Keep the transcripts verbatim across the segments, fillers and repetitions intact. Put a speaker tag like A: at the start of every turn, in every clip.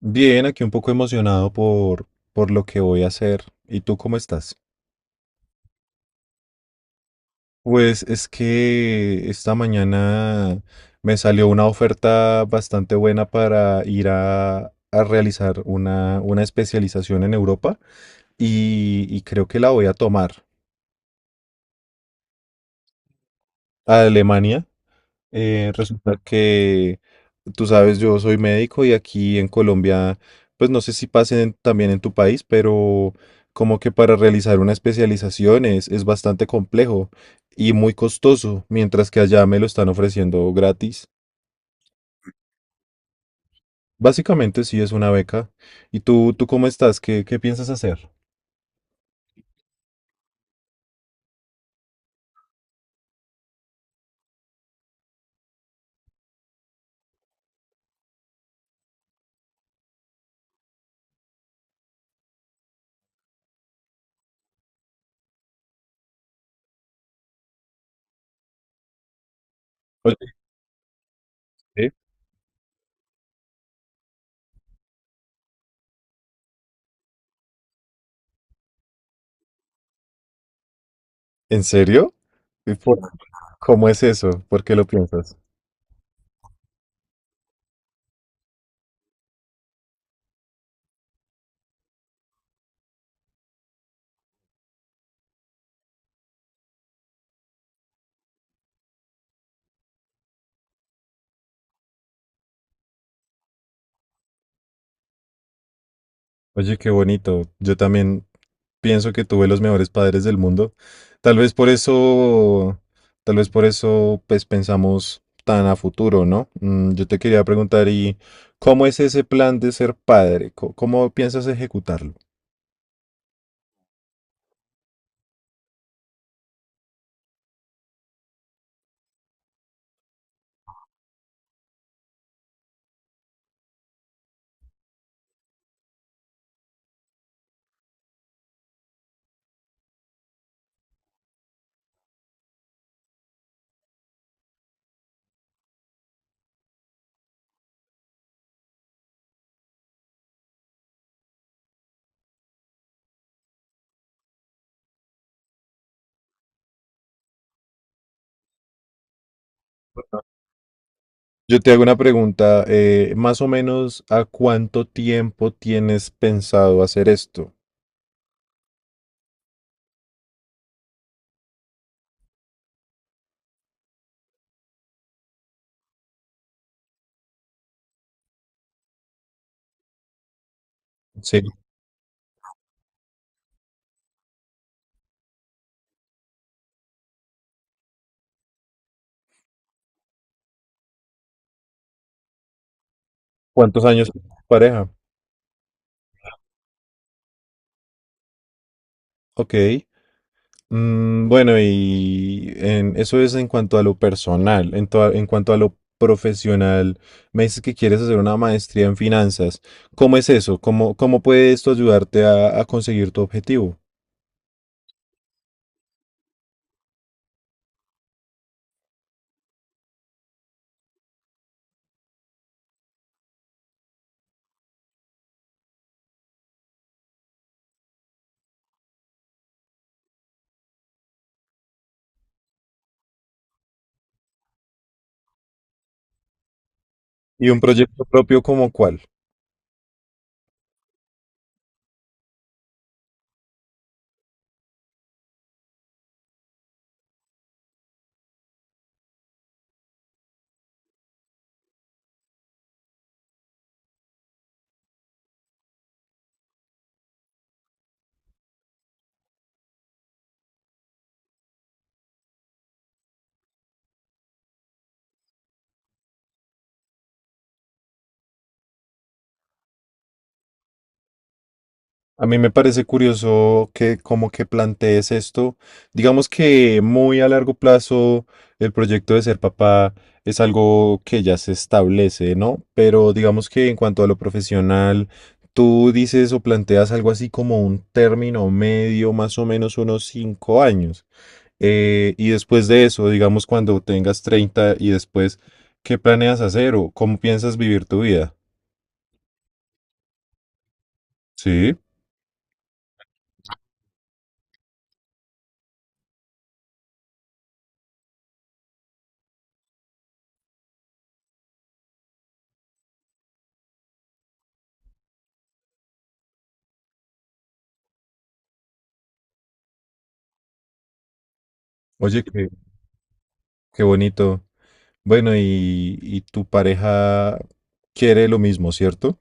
A: Bien, aquí un poco emocionado por, por lo que voy a hacer. ¿Y tú cómo estás? Pues es que esta mañana me salió una oferta bastante buena para ir a, a realizar una, una especialización en Europa y, y creo que la voy a tomar a Alemania. Eh, resulta que, tú sabes, yo soy médico y aquí en Colombia, pues no sé si pasen también en tu país, pero como que para realizar una especialización es, es bastante complejo y muy costoso, mientras que allá me lo están ofreciendo gratis. Básicamente sí es una beca. ¿Y tú, tú cómo estás? ¿Qué, qué piensas hacer? Oye, ¿qué? ¿En serio? ¿Y por- ¿Cómo es eso? ¿Por qué lo piensas? Oye, qué bonito. Yo también pienso que tuve los mejores padres del mundo. Tal vez por eso, Tal vez por eso, pues pensamos tan a futuro, ¿no? Mm, yo te quería preguntar, ¿y cómo es ese plan de ser padre? Co- ¿Cómo piensas ejecutarlo? Yo te hago una pregunta, eh, más o menos, ¿a cuánto tiempo tienes pensado hacer esto? Sí. ¿Cuántos años tienes pareja? Ok. Mm, bueno, y en- eso es en cuanto a lo personal. En, toa- en cuanto a lo profesional, me dices que quieres hacer una maestría en finanzas. ¿Cómo es eso? ¿Cómo, ¿cómo puede esto ayudarte a, a conseguir tu objetivo? ¿Y un proyecto propio como cuál? A mí me parece curioso que como que plantees esto. Digamos que muy a largo plazo el proyecto de ser papá es algo que ya se establece, ¿no? Pero digamos que en cuanto a lo profesional, tú dices o planteas algo así como un término medio, más o menos unos cinco años. Eh, y después de eso, digamos cuando tengas treinta y después, ¿qué planeas hacer o cómo piensas vivir tu vida? Sí. Oye, qué, qué bonito. Bueno, y, y tu pareja quiere lo mismo, ¿cierto?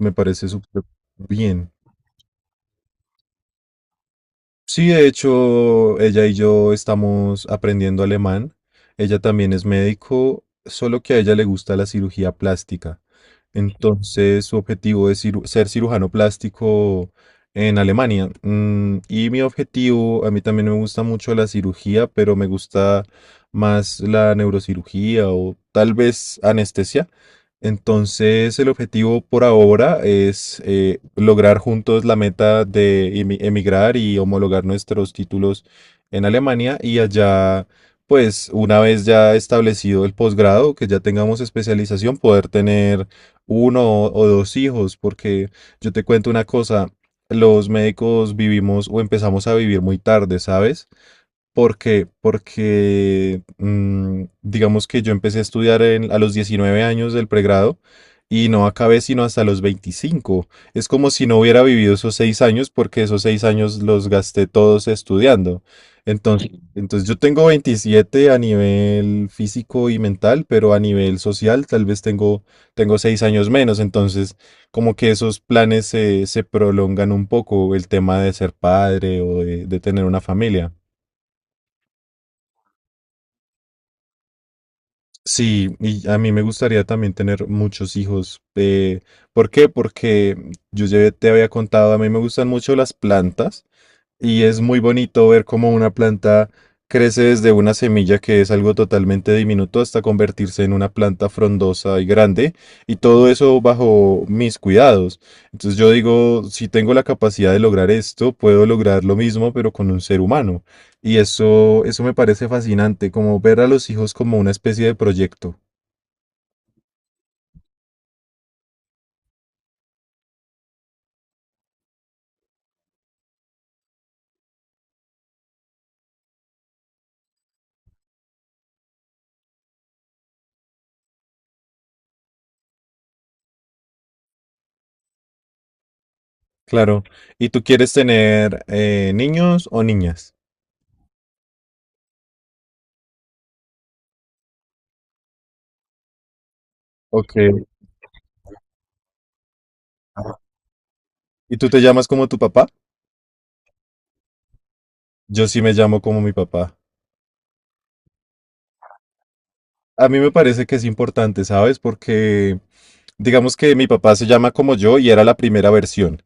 A: Me parece súper bien. Sí, de hecho, ella y yo estamos aprendiendo alemán. Ella también es médico, solo que a ella le gusta la cirugía plástica. Entonces, su objetivo es ciru- ser cirujano plástico en Alemania. Mm, y mi objetivo, a mí también me gusta mucho la cirugía, pero me gusta más la neurocirugía o tal vez anestesia. Entonces, el objetivo por ahora es eh, lograr juntos la meta de emi- emigrar y homologar nuestros títulos en Alemania, y allá, pues, una vez ya establecido el posgrado, que ya tengamos especialización, poder tener uno o, o dos hijos, porque yo te cuento una cosa, los médicos vivimos o empezamos a vivir muy tarde, ¿sabes? Porque, porque mm, digamos que yo empecé a estudiar en- a los diecinueve años del pregrado y no acabé sino hasta los veinticinco. Es como si no hubiera vivido esos seis años, porque esos seis años los gasté todos estudiando. Entonces, sí, entonces yo tengo veintisiete a nivel físico y mental, pero a nivel social tal vez tengo, tengo seis años menos. Entonces, como que esos planes se, se prolongan un poco, el tema de ser padre o de de tener una familia. Sí, y a mí me gustaría también tener muchos hijos. Eh, ¿por qué? Porque yo ya te había contado, a mí me gustan mucho las plantas. Y es muy bonito ver cómo una planta crece desde una semilla que es algo totalmente diminuto hasta convertirse en una planta frondosa y grande, y todo eso bajo mis cuidados. Entonces yo digo, si tengo la capacidad de lograr esto, puedo lograr lo mismo, pero con un ser humano. Y eso, eso me parece fascinante, como ver a los hijos como una especie de proyecto. Claro. ¿Y tú quieres tener eh, niños o niñas? Ok. ¿Y tú te llamas como tu papá? Yo sí me llamo como mi papá. A mí me parece que es importante, ¿sabes? Porque digamos que mi papá se llama como yo y era la primera versión.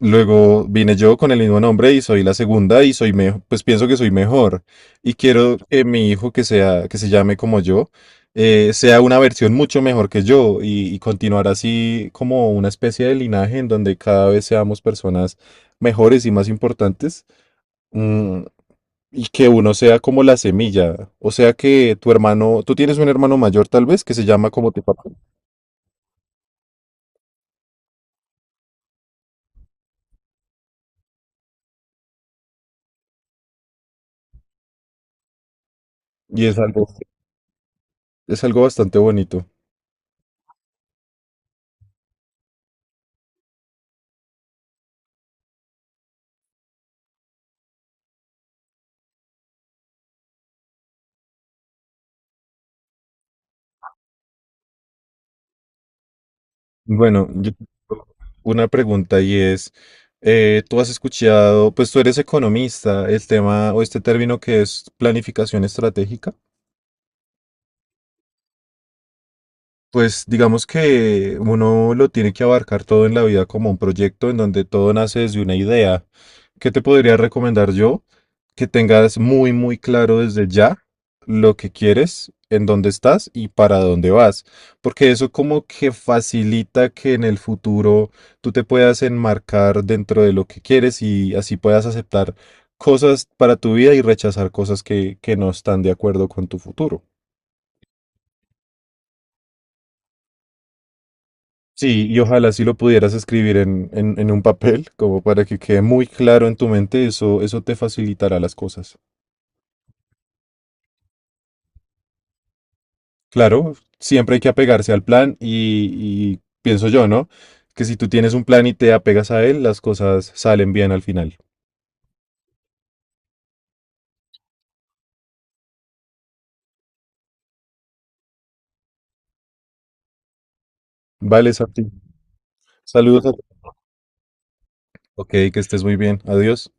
A: Luego vine yo con el mismo nombre y soy la segunda y soy mejor, pues pienso que soy mejor. Y quiero que mi hijo que sea, que se llame como yo, eh, sea una versión mucho mejor que yo y, y continuar así como una especie de linaje en donde cada vez seamos personas mejores y más importantes. Mm, y que uno sea como la semilla. O sea que tu hermano, tú tienes un hermano mayor tal vez que se llama como tu papá. Y es algo, es algo bastante bonito. Bueno, yo- una pregunta y es, eh, tú has escuchado, pues tú eres economista, el tema o este término que es planificación estratégica. Pues digamos que uno lo tiene que abarcar todo en la vida como un proyecto en donde todo nace desde una idea. ¿Qué te podría recomendar yo? Que tengas muy, muy claro desde ya lo que quieres, en dónde estás y para dónde vas. Porque eso como que facilita que en el futuro tú te puedas enmarcar dentro de lo que quieres y así puedas aceptar cosas para tu vida y rechazar cosas que, que no están de acuerdo con tu futuro. Sí, y ojalá si lo pudieras escribir en, en, en un papel, como para que quede muy claro en tu mente, eso, eso te facilitará las cosas. Claro, siempre hay que apegarse al plan y, y pienso yo, ¿no? Que si tú tienes un plan y te apegas a él, las cosas salen bien al final. Vale, Santi. Saludos a ti. Ok, que estés muy bien. Adiós.